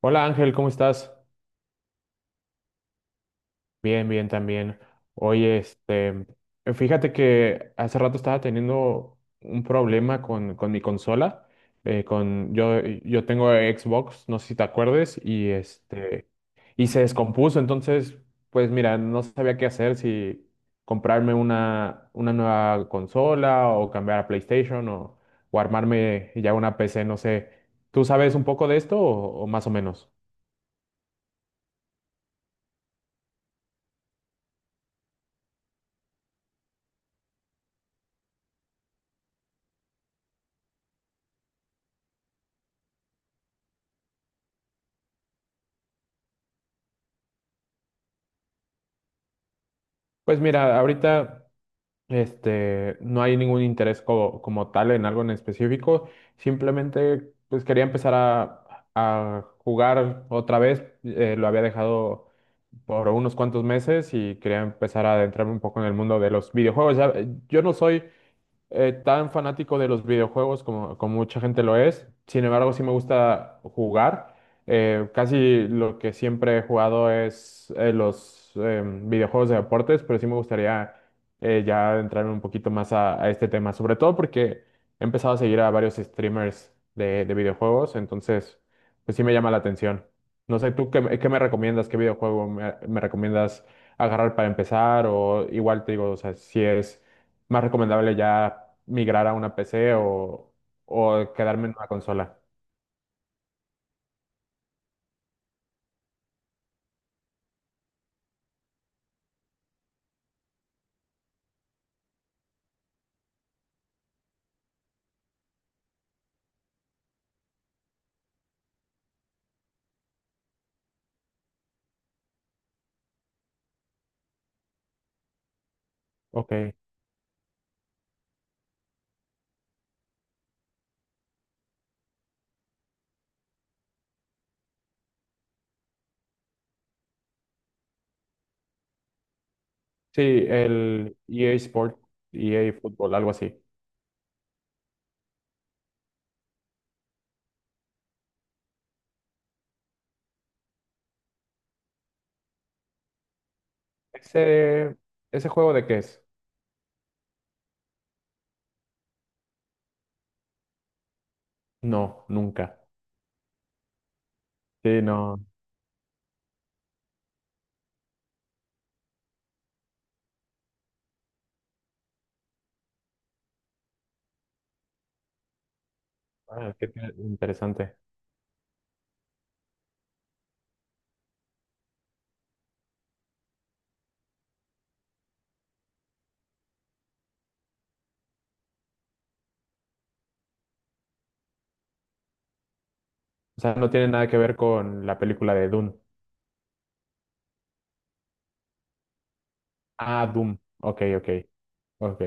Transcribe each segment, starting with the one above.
Hola Ángel, ¿cómo estás? Bien, bien también. Oye, fíjate que hace rato estaba teniendo un problema con mi consola. Con, yo tengo Xbox, no sé si te acuerdes, y se descompuso. Entonces, pues mira, no sabía qué hacer, si comprarme una nueva consola o cambiar a PlayStation o armarme ya una PC, no sé. ¿Tú sabes un poco de esto o más o menos? Pues mira, ahorita. Este, no hay ningún interés como, como tal en algo en específico. Simplemente, pues quería empezar a jugar otra vez. Lo había dejado por unos cuantos meses y quería empezar a adentrarme un poco en el mundo de los videojuegos. Ya, yo no soy tan fanático de los videojuegos como, como mucha gente lo es. Sin embargo, sí me gusta jugar. Casi lo que siempre he jugado es los videojuegos de deportes, pero sí me gustaría ya entrar un poquito más a este tema, sobre todo porque he empezado a seguir a varios streamers de videojuegos, entonces pues sí me llama la atención. No sé, ¿tú qué me recomiendas? ¿Qué videojuego me recomiendas agarrar para empezar? O igual te digo, o sea, si es más recomendable ya migrar a una PC o quedarme en una consola. Ok. Sí, el EA Sport, EA Fútbol, algo así. ¿Ese, ese juego de qué es? No, nunca. Sí, no. Ah, qué te- interesante. O sea, no tiene nada que ver con la película de Dune. Ah, Doom. Ok, ok, ok.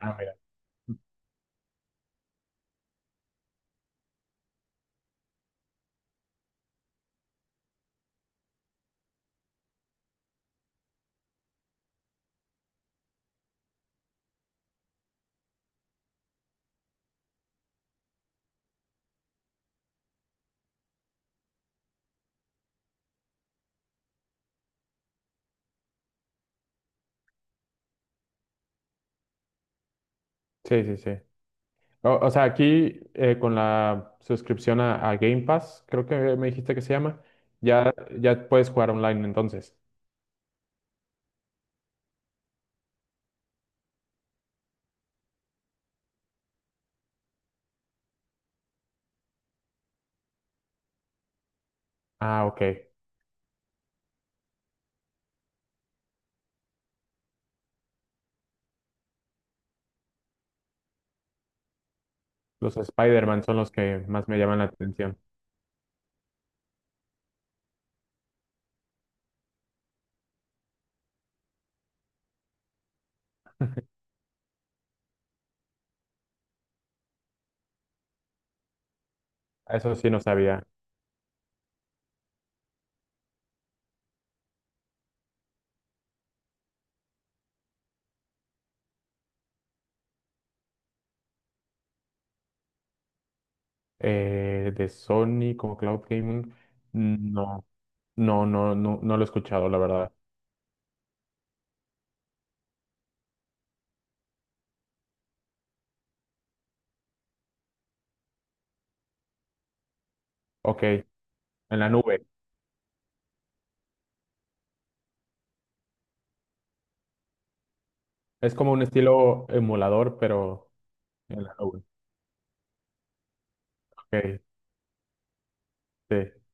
Ah, mira. Sí, sí, sí. O sea, aquí con la suscripción a Game Pass, creo que me dijiste que se llama, ya, ya puedes jugar online entonces. Ah, ok. Los Spider-Man son los que más me llaman la atención. Eso sí no sabía. De Sony como Cloud Gaming, no, no lo he escuchado, la verdad. Ok, en la nube. Es como un estilo emulador, pero en la nube. Ok, sí.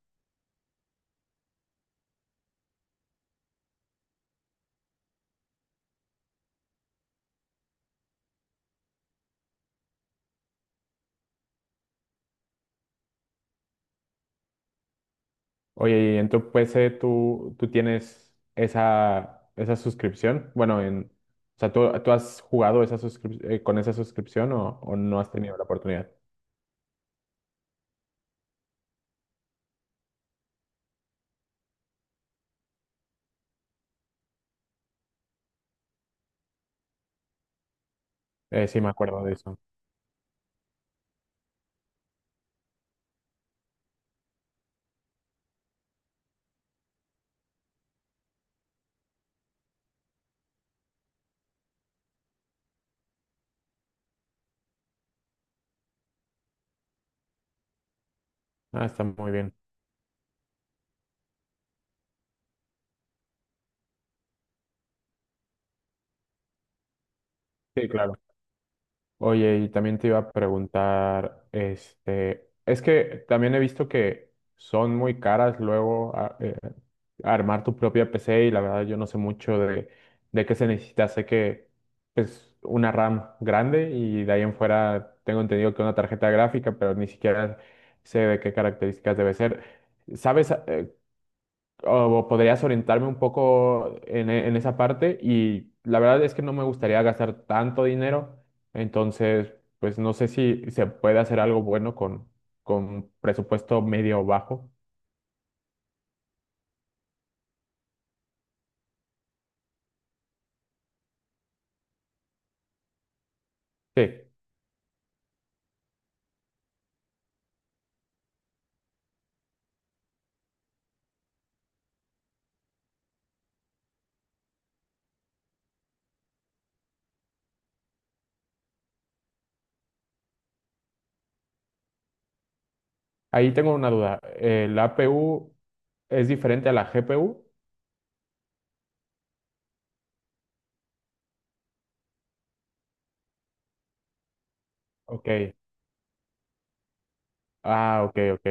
Oye, y en tu PC tú tienes esa, esa suscripción. Bueno, en, o sea, ¿tú, has jugado esa suscrip- con esa suscripción o no has tenido la oportunidad? Sí, me acuerdo de eso. Ah, está muy bien. Sí, claro. Oye, y también te iba a preguntar, es que también he visto que son muy caras luego a- armar tu propia PC y la verdad yo no sé mucho de qué se necesita. Sé que es una RAM grande y de ahí en fuera tengo entendido que una tarjeta gráfica, pero ni siquiera sé de qué características debe ser. ¿Sabes? O podrías orientarme un poco en, e- en esa parte y la verdad es que no me gustaría gastar tanto dinero, entonces pues no sé si se puede hacer algo bueno con presupuesto medio o bajo. Sí, ahí tengo una duda. ¿La APU es diferente a la GPU? Ok, ah, ok, ok,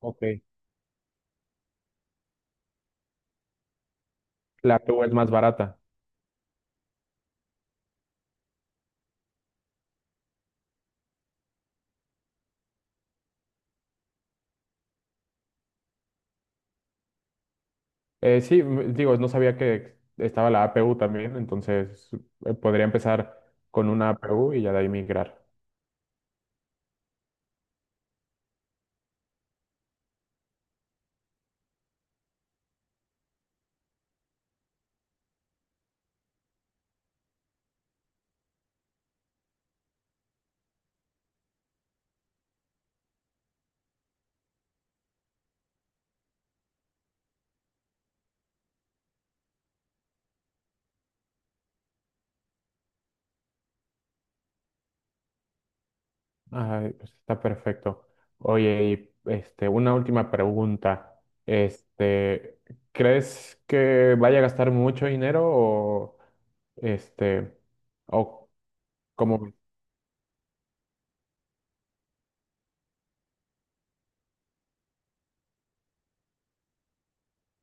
ok. La APU es más barata. Sí, m- digo, no sabía que estaba la APU también, entonces podría empezar con una APU y ya de ahí migrar. Ay, pues está perfecto. Oye, una última pregunta. Este, ¿crees que vaya a gastar mucho dinero o este, o cómo ves?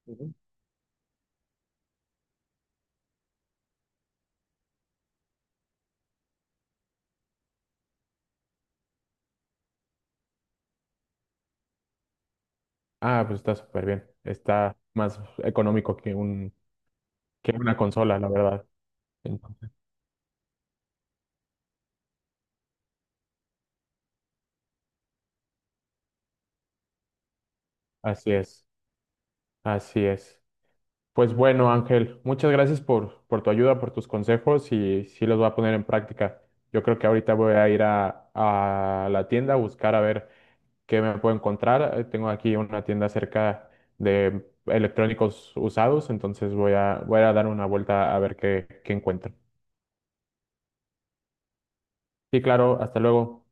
Ujú. Ah, pues está súper bien. Está más económico que un, que una consola, la verdad. Entonces, así es, así es. Pues bueno, Ángel, muchas gracias por tu ayuda, por tus consejos y sí los voy a poner en práctica. Yo creo que ahorita voy a ir a la tienda a buscar a ver qué me puedo encontrar. Tengo aquí una tienda cerca de electrónicos usados, entonces voy a dar una vuelta a ver qué, qué encuentro. Sí, claro, hasta luego.